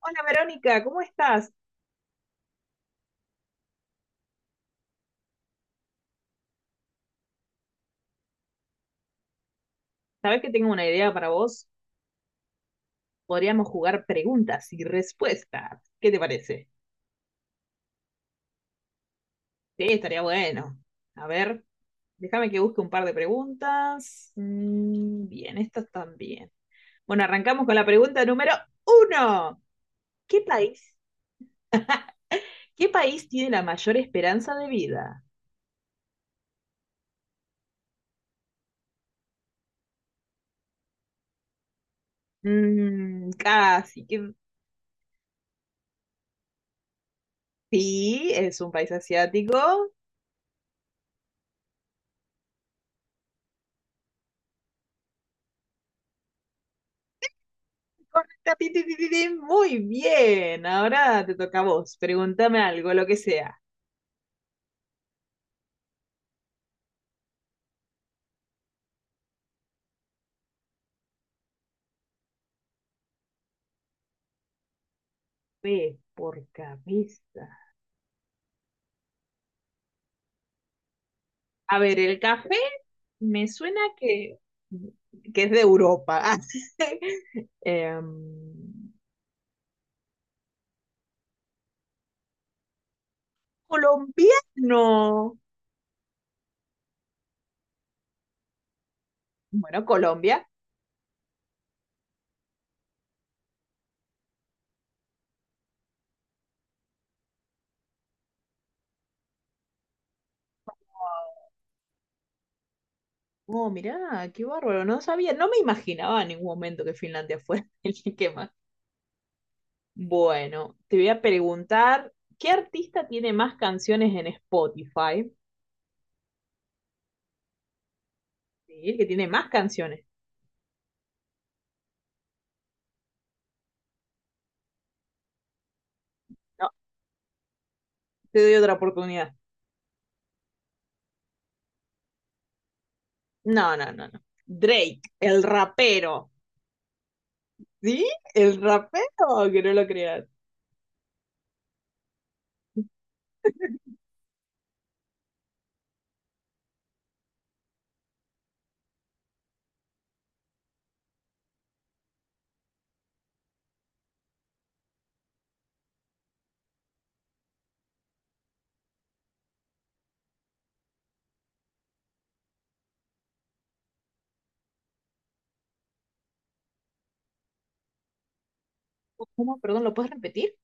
Hola Verónica, ¿cómo estás? Sabes que tengo una idea para vos. Podríamos jugar preguntas y respuestas. ¿Qué te parece? Sí, estaría bueno. A ver, déjame que busque un par de preguntas. Bien, estas también. Bueno, arrancamos con la pregunta número uno. ¿Qué país? ¿Qué país tiene la mayor esperanza de vida? Casi que sí, es un país asiático. Correcta, ti, ti, ti, ti, ti. Muy bien, ahora te toca a vos. Pregúntame algo, lo que sea. P por cabeza. A ver, el café me suena que es de Europa. Em, colombiano. Bueno, Colombia. Oh, mirá, qué bárbaro, no sabía, no me imaginaba en ningún momento que Finlandia fuera el que más. Bueno, te voy a preguntar, ¿qué artista tiene más canciones en Spotify? Sí, que tiene más canciones. No, te doy otra oportunidad. No, no, no, no. Drake, el rapero. ¿Sí? El rapero, que no lo creas. ¿Cómo? Perdón, ¿lo puedes repetir?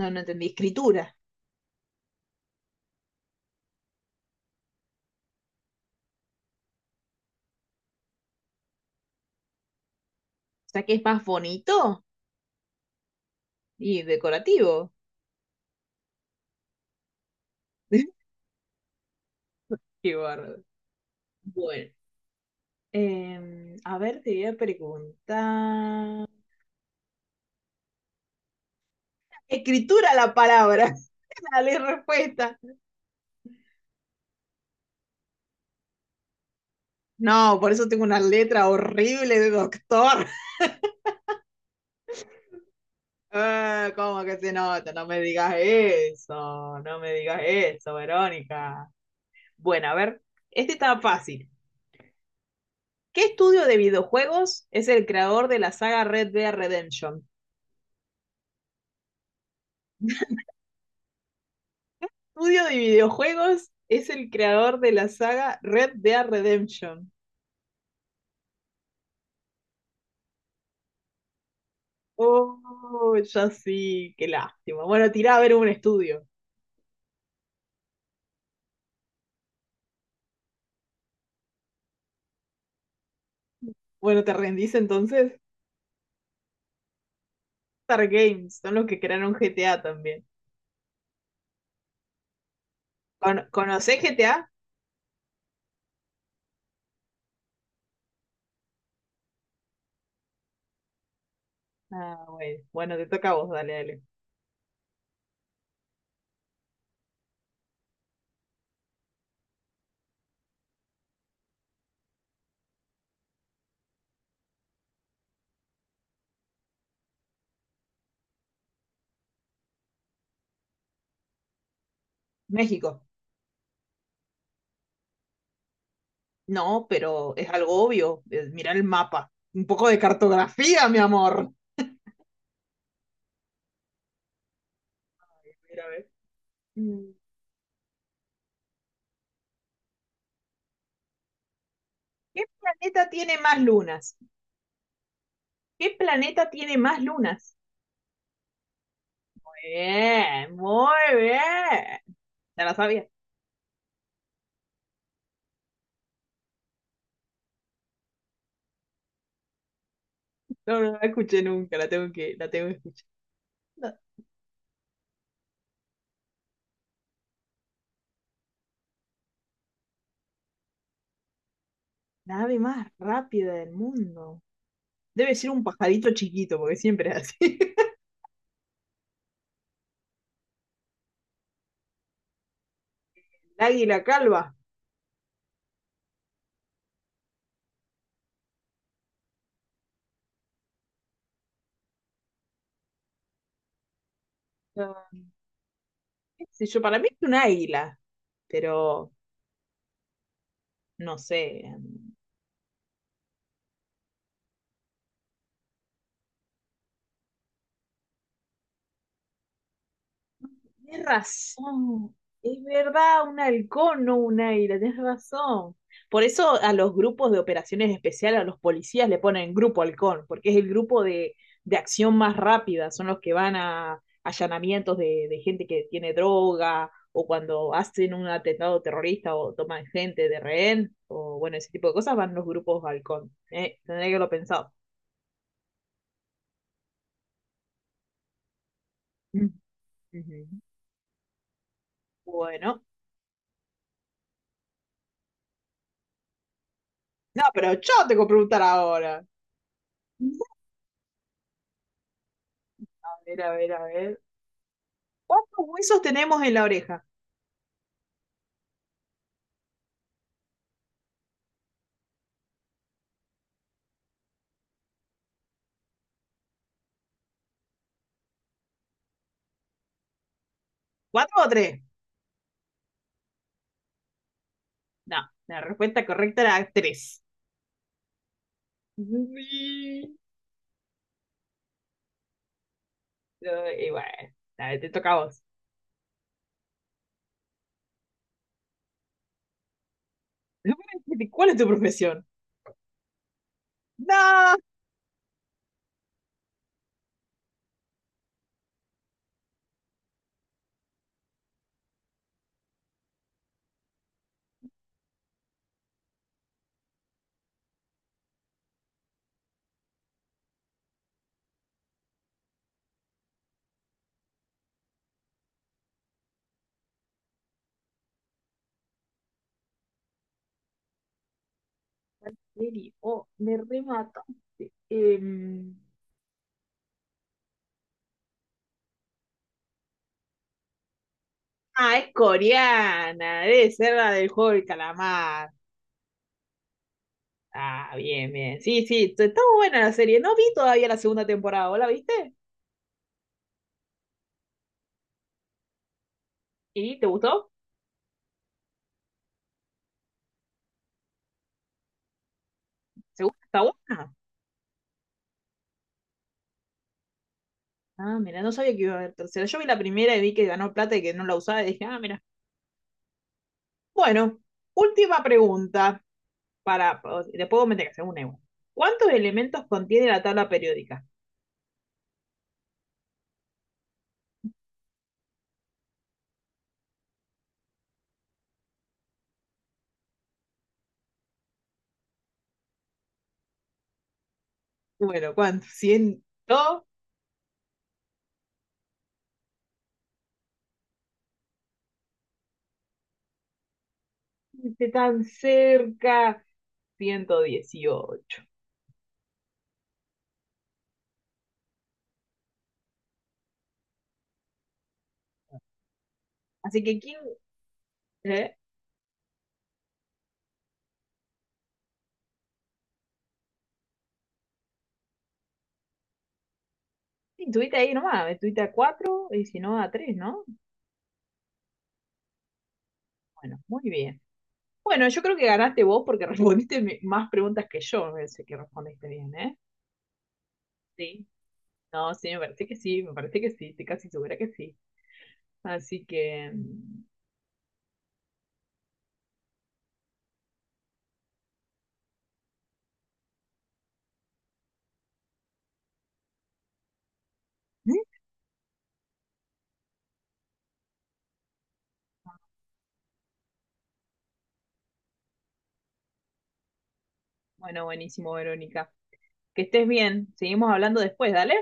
No, no entendí. Escritura. O sea que es más bonito y decorativo. Qué bárbaro. Bueno, a ver, te voy a preguntar. Escritura la palabra. Dale respuesta. No, por eso tengo una letra horrible de doctor. ¿Cómo que se nota? No me digas eso, no me digas eso, Verónica. Bueno, a ver, este está fácil. ¿Qué estudio de videojuegos es el creador de la saga Red Dead Redemption? Estudio de videojuegos es el creador de la saga Red Dead Redemption. Oh, ya sí, qué lástima. Bueno, tirá a ver un estudio. Bueno, ¿te rendís entonces? Rockstar Games, son los que crearon GTA también. ¿Cono- ¿Conocés GTA? Ah, bueno, bueno, te toca a vos, dale, dale. México. No, pero es algo obvio. Mirá el mapa. Un poco de cartografía, mi amor. Mira, a ver. Mm, ¿Qué planeta tiene más lunas? ¿Qué planeta tiene más lunas? Bien, muy bien. Ya la sabía. No, no la escuché nunca, la tengo que escuchar. La nave más rápida del mundo. Debe ser un pajarito chiquito, porque siempre es así. El águila calva. No, qué sé yo, para mí es un águila, pero no sé. Tienes razón, es verdad, un halcón, no un águila, tienes razón. Por eso a los grupos de operaciones especiales, a los policías le ponen grupo halcón, porque es el grupo de acción más rápida, son los que van a allanamientos de gente que tiene droga o cuando hacen un atentado terrorista o toman gente de rehén, o bueno, ese tipo de cosas, van los grupos halcón. Tendría que haberlo pensado. Mm, ujú. Bueno, no, pero yo tengo que preguntar ahora. A ver, a ver, a ver. ¿Cuántos huesos tenemos en la oreja? ¿Cuatro o tres? No, la respuesta correcta era tres. Sí. Y bueno, dale, te toca a vos. ¿Cuál es tu profesión? No. Oh, me remataste. Ah, es coreana. Debe ser la del juego del calamar. Ah, bien, bien. Sí, sí, está muy buena la serie. No vi todavía la segunda temporada. ¿Vos la viste? ¿Y te gustó? ¿Seguro que está buena? Ah, mira, no sabía que iba a haber tercera. Yo vi la primera y vi que ganó plata y que no la usaba y dije, ah, mira. Bueno, última pregunta para, le puedo meter que sea un euro. ¿Cuántos elementos contiene la tabla periódica? Bueno, ¿cuántos? ¿Ciento? Esté tan cerca. Ciento dieciocho. Así que, ¿quién? ¿Eh? Sí, estuviste ahí nomás, estuviste a 4 y si no a 3, ¿no? Bueno, muy bien. Bueno, yo creo que ganaste vos porque respondiste más preguntas que yo, me parece que respondiste bien, ¿eh? Sí, no, sí, me parece que sí, me parece que sí, estoy casi segura que sí. Así que, ¿Mm? Bueno, buenísimo, Verónica. Que estés bien, seguimos hablando después, dale.